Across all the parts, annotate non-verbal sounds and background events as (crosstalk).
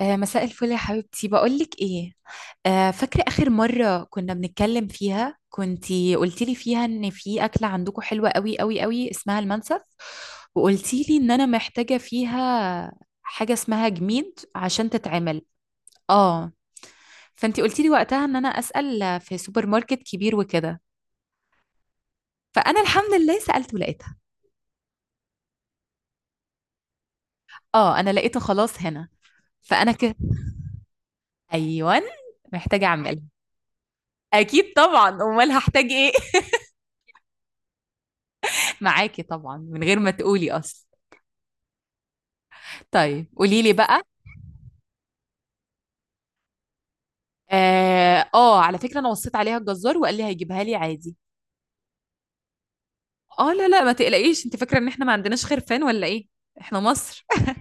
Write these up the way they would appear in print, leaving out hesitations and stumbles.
آه، مساء الفل يا حبيبتي بقولك ايه. آه، فاكرة آخر مرة كنا بنتكلم فيها كنتي قلتيلي فيها ان في أكلة عندكم حلوة قوي قوي قوي اسمها المنسف، وقلتيلي ان انا محتاجة فيها حاجة اسمها جميد عشان تتعمل. اه، فانتي قلتيلي وقتها ان انا أسأل في سوبر ماركت كبير وكده. فأنا الحمد لله سألت ولقيتها، اه انا لقيته خلاص هنا. فأنا كده. ايوه، محتاجة اعملها. اكيد طبعا، امال هحتاج ايه؟ (laughs) معاكي طبعًا، من غير ما تقولي أصلًا. طيب قولي لي بقى. آه، على فكرة أنا وصّيت عليها الجزّار وقال لي هيجيبها لي عادي. آه، لا، لأ، ما تقلقيش، أنتِ فاكرة إن إحنا ما عندناش خرفان والّا إيه؟ إحنا مصر. (laughs)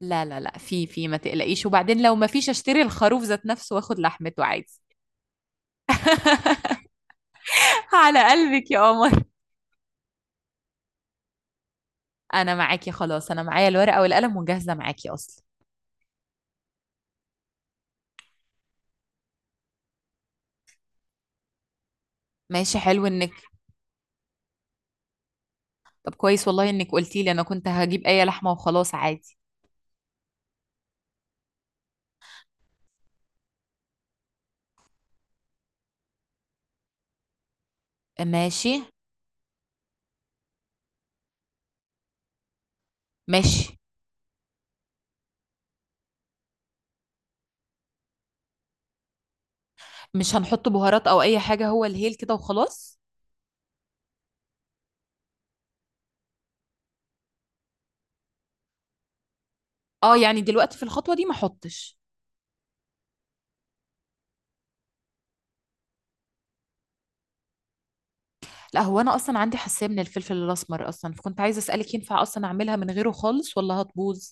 لا، لا، لأ، في، ما تقلقيش، وبعدين لو ما فيش أشتري الخروف ذات نَفْسه وآخُد لحمته عادي. (laughs) على قلبِك يا قمر. أنا معاكِ خلاص، أنا معايا الورقة والقلم وجاهزة معاكِ أصلًا. ماشي، حلو إنِّك. طب كويس والله إنِّك قُلتِ لي، أنا كنت هاجيب أي لحمة وخلاص عادي. ماشي، ماشي. مش هنحط بهارات او اي حاجه؟ هو الهيل كده وخلاص؟ اه يعني دلوقتي في الخطوه دي ما احطش؟ لا هو انا اصلا عندي حساسيه من الفلفل الاسمر اصلا، فكنت عايزه اسالك ينفع اصلا اعملها من غيره خالص ولا هتبوظ.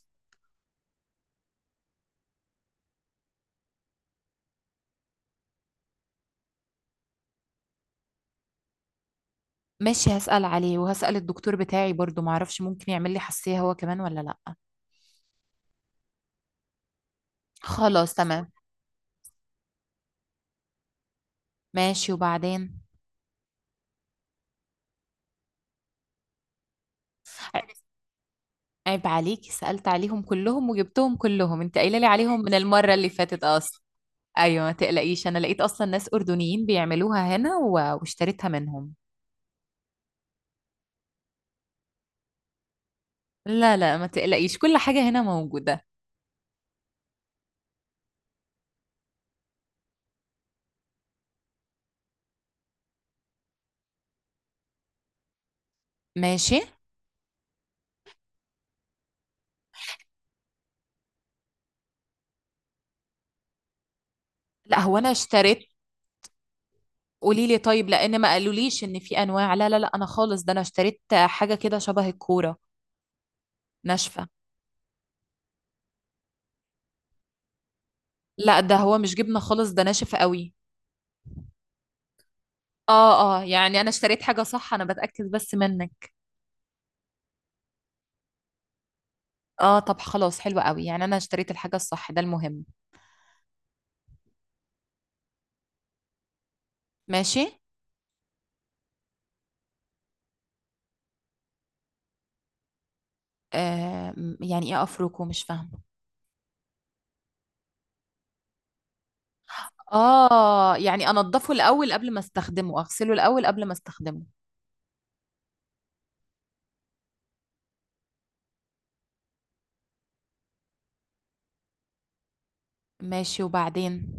ماشي، هسال عليه وهسال الدكتور بتاعي برضو، ما اعرفش ممكن يعمل لي حساسيه هو كمان ولا لا. خلاص تمام. ماشي وبعدين. ع- عيب عليكي، سالت عليهم كلهم وجبتهم كلهم، انت قايله لي عليهم من المره اللي فاتت اصلا. ايوه ما تقلقيش، انا لقيت اصلا ناس اردنيين بيعملوها هنا واشتريتها منهم. لا لا، ما تقلقيش، كل حاجة هنا موجودة. ماشي. لا هو انا اشتريت. قولي لي طيب لان ما قالوليش ان في انواع. لا لا لا، انا خالص ده انا اشتريت حاجة كده شبه الكورة. ناشفة. لا ده هو مش جبنة خالص، ده ناشف قوي. اه اه، يعني انا اشتريت حاجة صح، انا بتأكد بس منك. اه، طب خلاص حلو قوي، يعني انا اشتريت الحاجة الصح ده المهم. ماشي. آه، يعني ايه افركه؟ مش فاهمة. اه يعني انضفه الاول قبل ما استخدمه، اغسله الاول قبل ما استخدمه. ماشي وبعدين.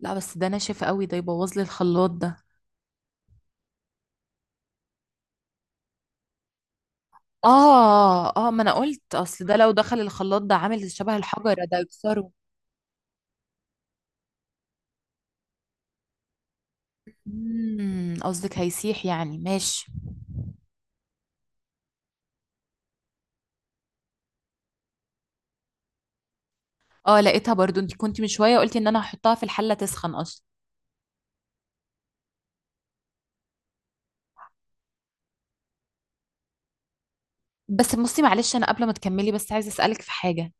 لا بس ده ناشف قوي، ده يبوظ لي الخلاط ده. اه اه، ما انا قلت اصل ده لو دخل الخلاط ده عامل شبه الحجرة، ده يكسره. قصدك هيسيح يعني؟ ماشي. اه لقيتها برضو، انت كنت من شوية قلتي ان انا هحطها في الحلة تسخن اصلا. بس بصي معلش انا قبل ما تكملي، بس عايزة اسألك في حاجة.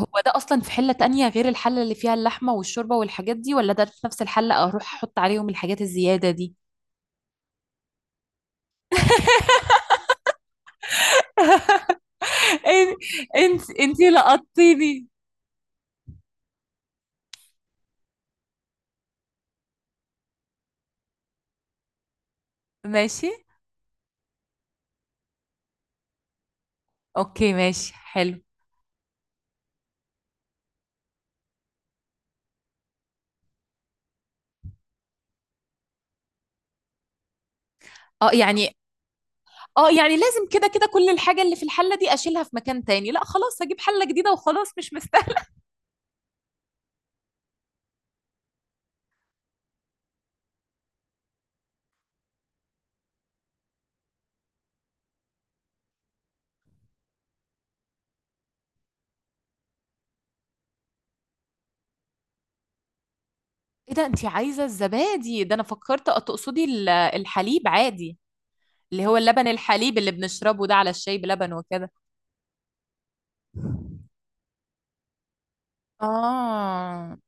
هو ده اصلا في حلة تانية غير الحلة اللي فيها اللحمة والشوربة والحاجات دي، ولا ده في نفس الحلة اروح احط عليهم الحاجات الزيادة دي؟ (laughs) انت انت لقطتيني. ماشي. اوكي، ماشي حلو. اه يعني اه يعني لازم كده كده كل الحاجة اللي في الحلة دي اشيلها في مكان تاني؟ لا خلاص هجيب حلة جديدة وخلاص، مش مستاهل. (laughs) ايه ده؟ انتي عايزة الزبادي ده؟ انا فكرت تقصدي الحليب عادي، اللي هو اللبن الحليب اللي بنشربه ده على الشاي بلبن وكده. اه،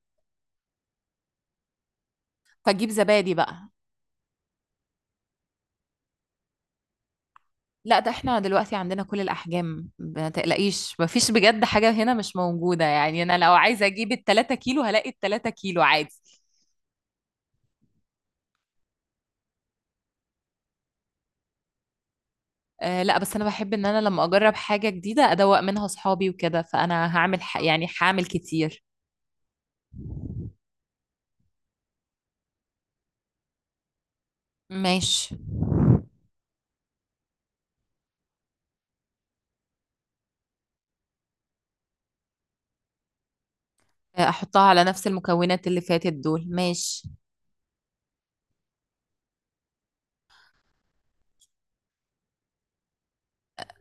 فجيب زبادي بقى. لا، ده احنا دلوقتي عندنا كل الاحجام، ما تقلقيش، مفيش بجد حاجة هنا مش موجودة. يعني انا لو عايزة اجيب التلاتة كيلو هلاقي التلاتة كيلو عادي. آه لا، بس انا بحب ان انا لما اجرب حاجة جديدة ادوق منها اصحابي وكده، فانا هعمل ح... يعني هعمل كتير. ماشي. آه، احطها على نفس المكونات اللي فاتت دول؟ ماشي.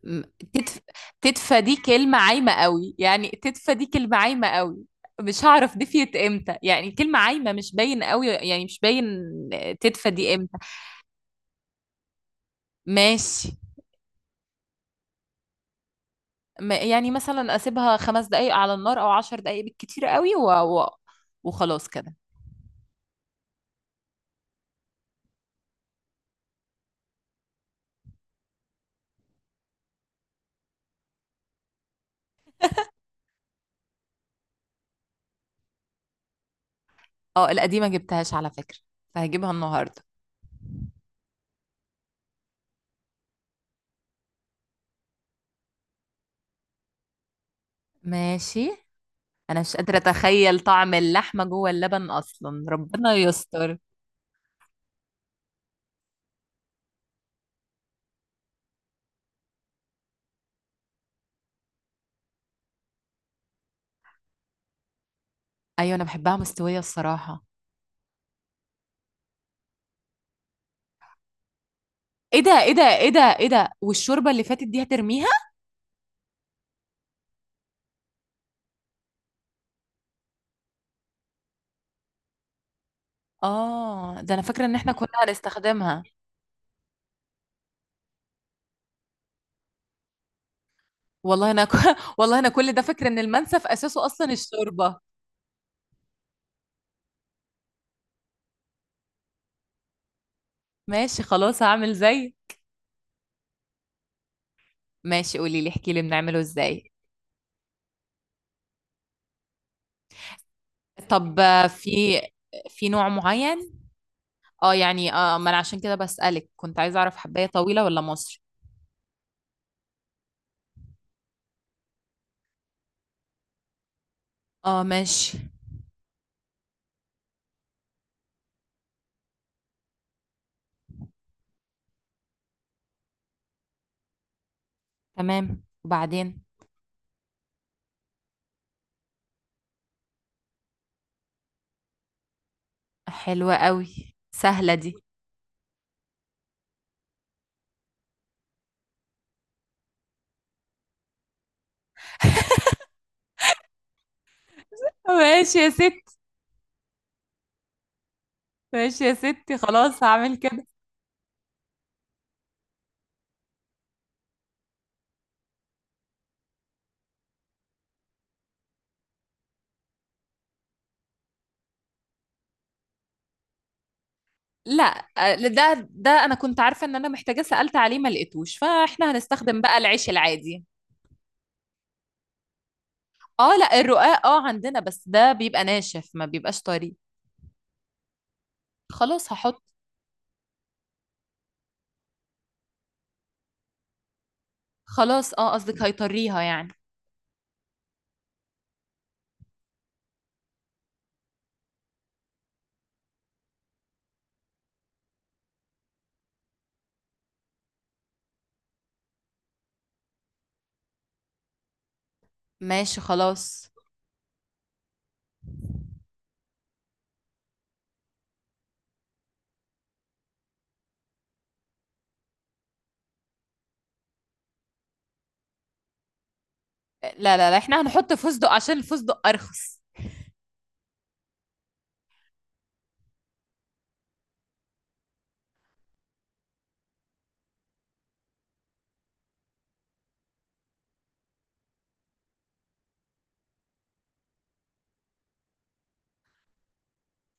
م- تدف... تدفى دي كلمة عايمة قوي، يعني تدفى دي كلمة عايمة قوي، مش هعرف دفيت امتى، يعني كلمة عايمة مش باين قوي، يعني مش باين. تدفى دي امتى؟ ماشي. يعني مثلا اسيبها خمس دقايق على النار او عشر دقايق بالكتير قوي وخلاص كده. اه القديمة جبتهاش على فكرة، فهجيبها النهاردة. ماشي. انا مش قادرة اتخيل طعم اللحمة جوه اللبن اصلا، ربنا يستر. ايوه، انا بحبها مستوية الصراحة. ايه ده ايه ده ايه ده ايه ده، والشوربة اللي فاتت دي هترميها؟ اه ده انا فاكرة ان احنا كنا هنستخدمها. والله انا (laughs) والله انا كل ده فاكرة ان المنسف اساسه اصلا الشوربة. ماشي خلاص، هعمل زي. ماشي، قولي لي، احكي لي بنعمله ازاي. طب آه، في في نوع معين؟ اه يعني، اه ما انا عشان كده بسألك، كنت عايزة اعرف، حباية طويلة ولا مصري. اه ماشي. تمام وبعدين. حلوة قوي، سهلة دي. ماشي يا ستي. ماشي يا ستي، خلاص هعمل كده. لا. آه، ده انا كنت عارفة ان انا محتاجة، سألت عليه ما لقيتوش، فاحنا هنستخدم بقى العيش العادي. اه لا، الرقاق اه عندنا، بس ده بيبقى ناشف ما بيبقاش طري. خلاص هحط. خلاص اه، قصدك هيطريها يعني؟ ماشي خلاص. لا لا لا، احنا هنحط فستق عشان الفستق ارخص.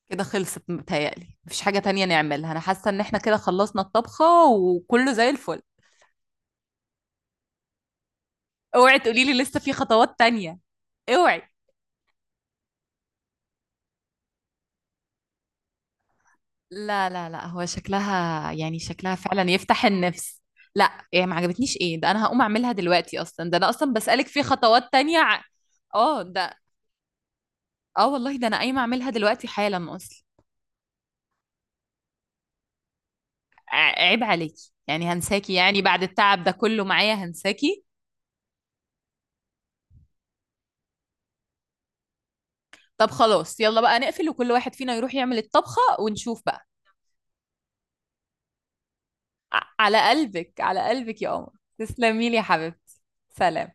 كده خلصت؟ متهيألي مفيش حاجة تانية نعملها، أنا حاسة إن إحنا كده خلصنا الطبخة وكله زي الفل. اوعي تقولي لي لسه في خطوات تانية، اوعي. لا لا لا هو شكلها، يعني شكلها فعلا يفتح النفس. لا، إيه ما عجبتنيش؟ إيه ده؟ أنا هقوم أعملها دلوقتي أصلا، ده أنا أصلا بسألك في خطوات تانية. آه ده، آه والله ده أنا قايمة أعملها دلوقتي حالا أصلا. عيب عليكي، يعني هنساكي يعني بعد التعب ده كله معايا هنساكي؟ طب خلاص، يلا بقى نقفل وكل واحد فينا يروح يعمل الطبخة ونشوف بقى. على قلبك، على قلبك يا قمر. تسلمي لي يا حبيبتي. سلام.